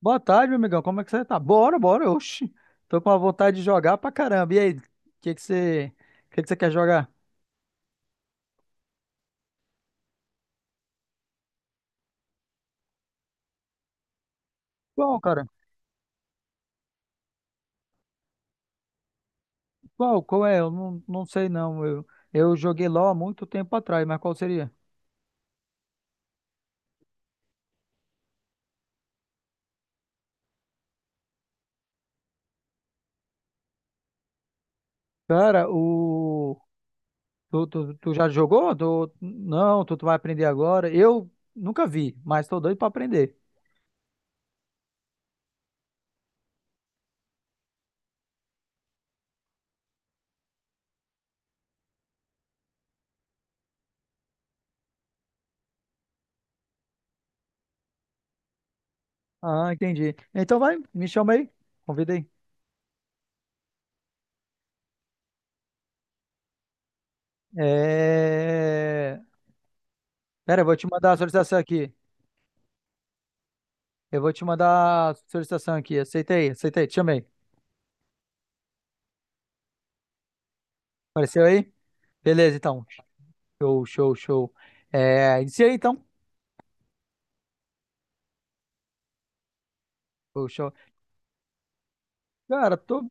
Boa tarde, meu amigão. Como é que você tá? Bora, bora, oxi. Tô com a vontade de jogar pra caramba. E aí, o que que você, que que você quer jogar? Qual, cara? Qual é? Eu não sei não. Eu joguei LoL há muito tempo atrás, mas qual seria? Cara, tu já jogou? Não, tu vai aprender agora. Eu nunca vi, mas tô doido pra aprender. Ah, entendi. Então vai, me chama aí. Convida aí. É... Pera, eu vou te mandar a solicitação aqui. Eu vou te mandar a solicitação aqui. Aceitei, aceitei, te chamei. Apareceu aí? Beleza, então. Show, show, show. É, iniciei então. Show, show. Cara, tô,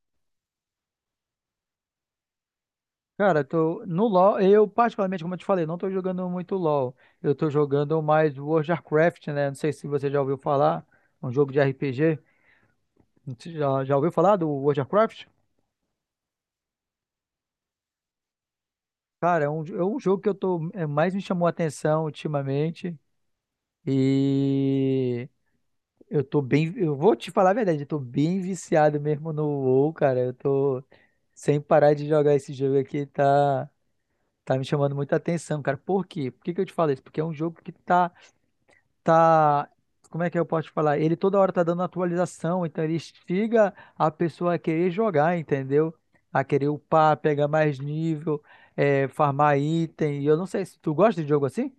cara, tô no LoL. Eu, particularmente, como eu te falei, não tô jogando muito LoL. Eu tô jogando mais World of Warcraft, né? Não sei se você já ouviu falar. É um jogo de RPG. Você já ouviu falar do World of Warcraft? Cara, é um jogo que eu tô, mais me chamou a atenção ultimamente. E eu tô bem. Eu vou te falar a verdade, eu tô bem viciado mesmo no WoW, cara. Eu tô sem parar de jogar esse jogo aqui, tá, tá me chamando muita atenção, cara. Por quê? Por que que eu te falo isso? Porque é um jogo que tá. Como é que eu posso te falar? Ele toda hora tá dando atualização, então ele instiga a pessoa a querer jogar, entendeu? A querer upar, pegar mais nível, farmar item. E eu não sei se tu gosta de jogo assim?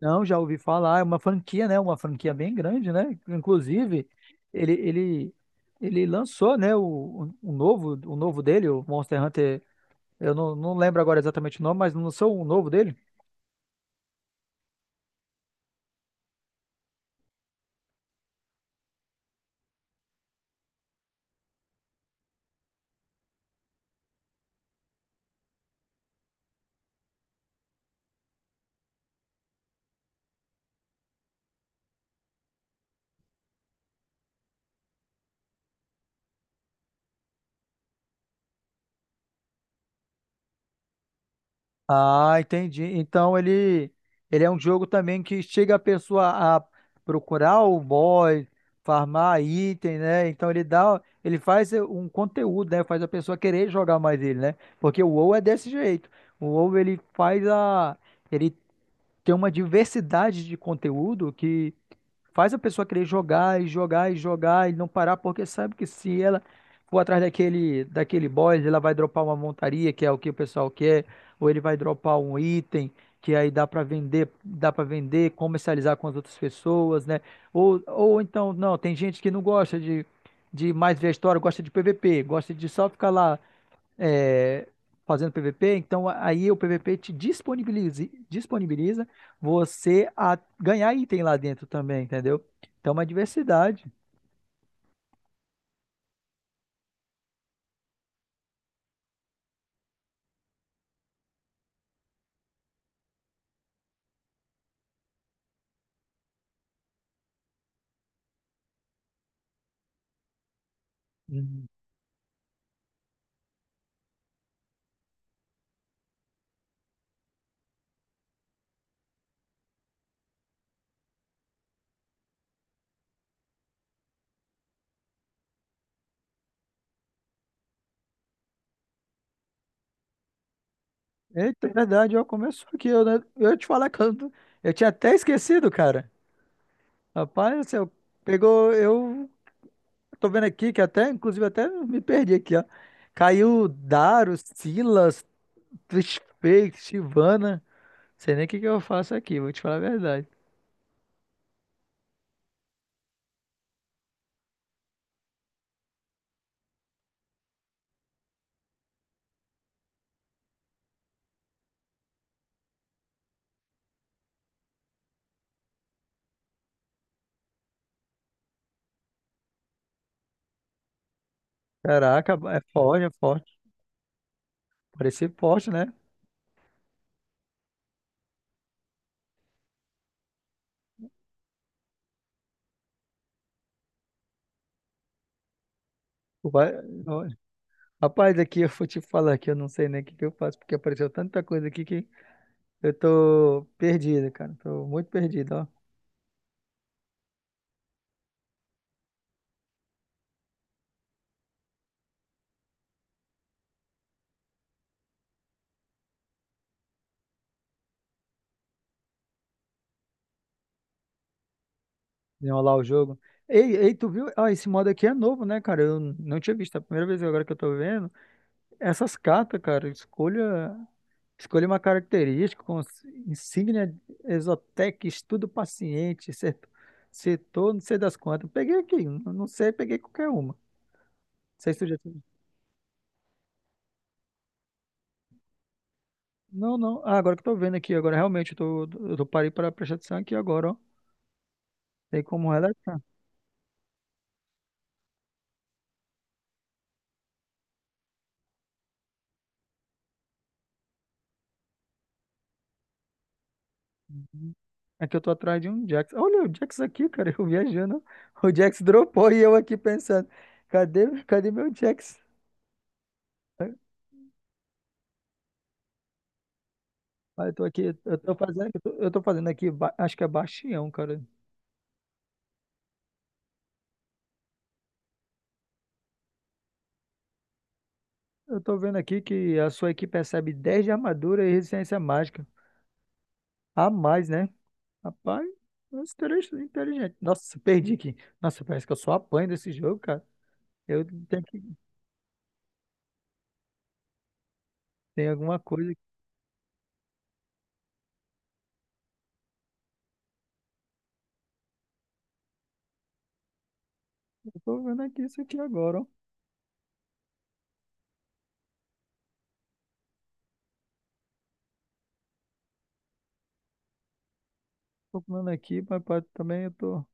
Não, já ouvi falar, é uma franquia, né? Uma franquia bem grande, né? Inclusive, ele, ele, ele lançou, né, o novo dele, o Monster Hunter. Eu não lembro agora exatamente o nome, mas lançou o novo dele. Ah, entendi. Então ele é um jogo também que chega a pessoa a procurar o boss, farmar item, né? Então ele faz um conteúdo, né? Faz a pessoa querer jogar mais ele, né? Porque o WoW é desse jeito. O WoW ele faz a ele tem uma diversidade de conteúdo que faz a pessoa querer jogar e jogar e jogar e não parar, porque sabe que se ela for atrás daquele boss, ela vai dropar uma montaria, que é o que o pessoal quer, ou ele vai dropar um item que aí dá para vender, comercializar com as outras pessoas, né? Ou então, não, tem gente que não gosta de mais ver a história, gosta de PVP, gosta de só ficar lá é, fazendo PVP, então aí o PVP te disponibiliza você a ganhar item lá dentro também, entendeu? Então, é uma diversidade. Uhum. Eita, é verdade, ó, começou aqui. Eu, né, eu ia te falar que eu tinha até esquecido, cara. Rapaz, você pegou. Eu tô vendo aqui que até, inclusive, até me perdi aqui, ó. Caiu Daro, Silas, Trishfake, Sivana. Sei nem o que que eu faço aqui, vou te falar a verdade. Caraca, é forte, é forte. Parecer forte, né? Vai- ó, rapaz, aqui eu vou te falar que eu não sei nem o que que eu faço, porque apareceu tanta coisa aqui que eu tô perdido, cara. Tô muito perdido, ó. Desenrolar o jogo. Ei, ei, tu viu? Ah, esse modo aqui é novo, né, cara? Eu não tinha visto. É a primeira vez agora que eu tô vendo. Essas cartas, cara, escolha uma característica, com insígnia Exotec, estudo paciente, setor, não sei das quantas. Peguei aqui, não sei, peguei qualquer uma. Não sei se eu já Não, não. Ah, agora que eu tô vendo aqui, agora realmente eu tô parei para prestar atenção aqui agora, ó. Tem como relaxar. Uhum. É que eu tô atrás de um Jax. Olha o Jax aqui, cara, eu viajando. O Jax dropou e eu aqui pensando, cadê meu Jax? Mas eu tô aqui, eu tô fazendo aqui, acho que é Bastião, cara. Eu tô vendo aqui que a sua equipe recebe 10 de armadura e resistência mágica. A mais, né? Rapaz, nossa, inteligente, inteligente. Nossa, perdi aqui. Nossa, parece que eu só apanho desse jogo, cara. Eu tenho que. Tem alguma coisa que eu tô vendo aqui, isso aqui agora, ó. Tô comendo aqui, mas também eu tô,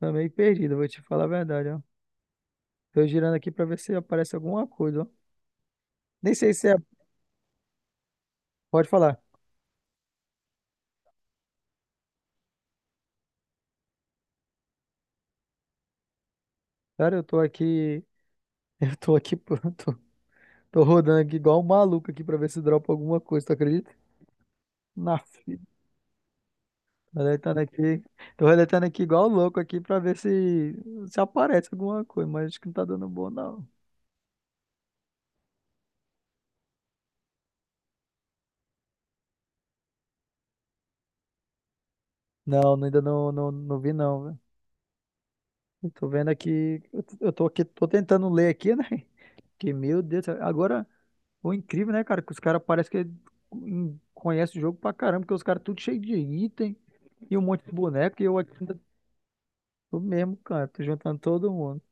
tô meio perdido, vou te falar a verdade, ó. Tô girando aqui pra ver se aparece alguma coisa, ó. Nem sei se é. Pode falar. Cara, eu tô aqui. Eu tô aqui pronto. Tô rodando aqui igual um maluco aqui pra ver se dropa alguma coisa, tu acredita? Na fita. Tô deletando aqui. Tô deletando aqui igual louco aqui pra ver se aparece alguma coisa, mas acho que não tá dando bom, não. Não, ainda não, não, não vi não, velho. Eu tô vendo aqui, eu tô aqui, tô tentando ler aqui, né? Que meu Deus, agora o incrível, né, cara, que os caras parece que conhecem o jogo pra caramba, porque os caras tudo cheio de item e um monte de boneco e eu aqui ainda tô mesmo, cara, tô juntando todo mundo.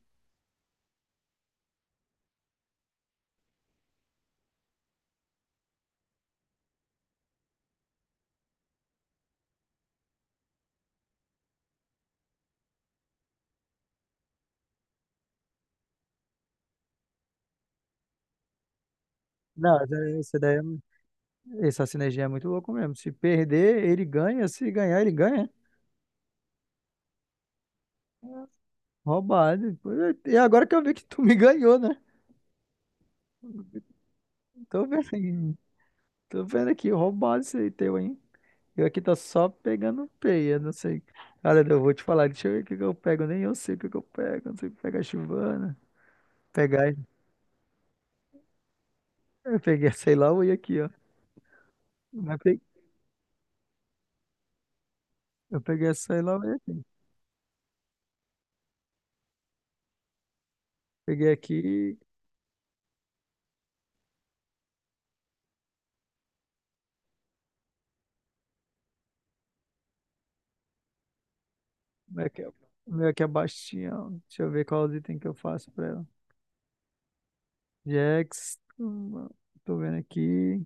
Não, essa sinergia é muito louco mesmo. Se perder, ele ganha. Se ganhar, ele ganha. Roubado. Pô, e agora que eu vi que tu me ganhou, né? Tô vendo aqui. Tô vendo aqui, roubado esse aí teu, hein? Eu aqui tô só pegando peia, não sei. Olha, eu vou te falar, deixa eu ver o que que eu pego. Nem eu sei o que que eu pego. Não sei pegar chivana. Pegar. Eu peguei sei lá o aqui, ó. Mas pe- Eu peguei sei lá o aqui. Peguei aqui. Como é que é? O meu aqui é baixinho, ó. Deixa eu ver qual item que eu faço pra ela. Jax, tô vendo aqui.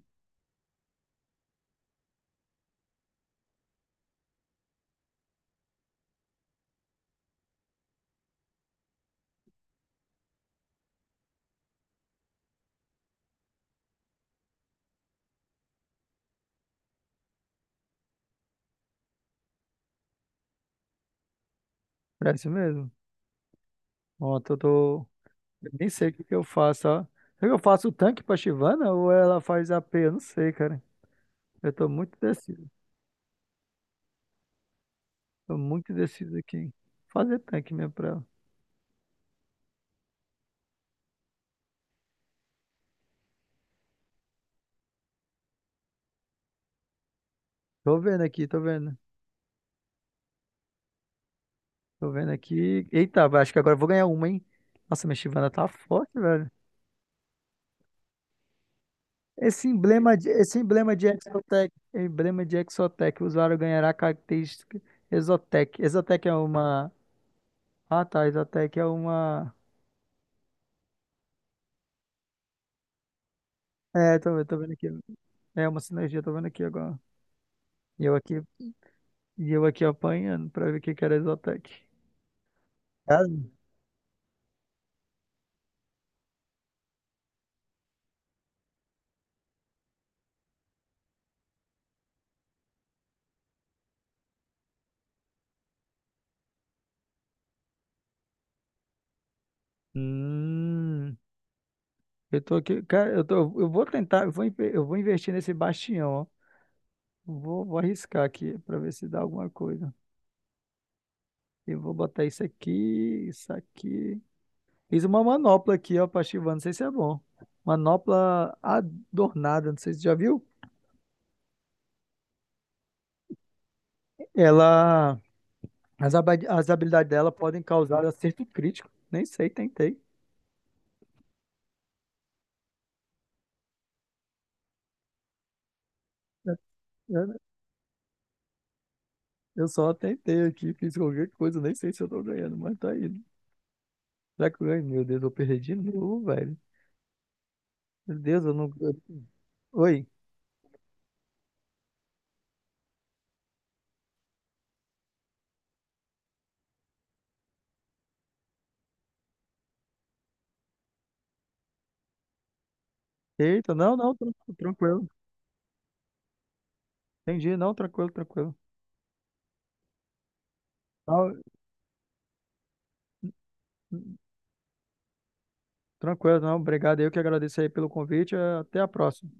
É isso mesmo. Ontem eu tô. Eu nem sei o que que eu faço, ó. Será que eu faço o tanque pra Shyvana ou ela faz AP? Eu não sei, cara. Eu tô muito deciso. Tô muito deciso aqui. Fazer tanque mesmo pra ela. Tô vendo aqui, tô vendo. Tô vendo aqui. Eita, acho que agora eu vou ganhar uma, hein? Nossa, minha Shyvana tá forte, velho. Esse emblema de Exotec, emblema de Exotec, o usuário ganhará característica Exotec. Exotec é uma. Ah, tá. Isotec é uma. É, eu tô vendo aqui. É uma sinergia, tô vendo aqui agora. E eu aqui, e eu aqui apanhando pra ver o que que era Isotec. Ah, Hum, eu tô aqui, cara, eu vou tentar, eu vou investir nesse bastião, ó. Vou arriscar aqui pra ver se dá alguma coisa. Eu vou botar isso aqui, isso aqui. Fiz uma manopla aqui, ó, pra ativar, não sei se é bom. Manopla adornada, não sei se você já viu. Ela As habilidades dela podem causar acerto crítico. Nem sei, tentei. Eu eu só tentei aqui, fiz qualquer coisa, nem sei se eu tô ganhando, mas tá aí. Será que eu ganho? Meu Deus, eu perdi de novo, velho. Meu Deus, eu não. Oi. Eita, não, não, tranquilo. Entendi, não, tranquilo, tranquilo. Não, tranquilo, não, obrigado. Eu que agradeço aí pelo convite. Até a próxima.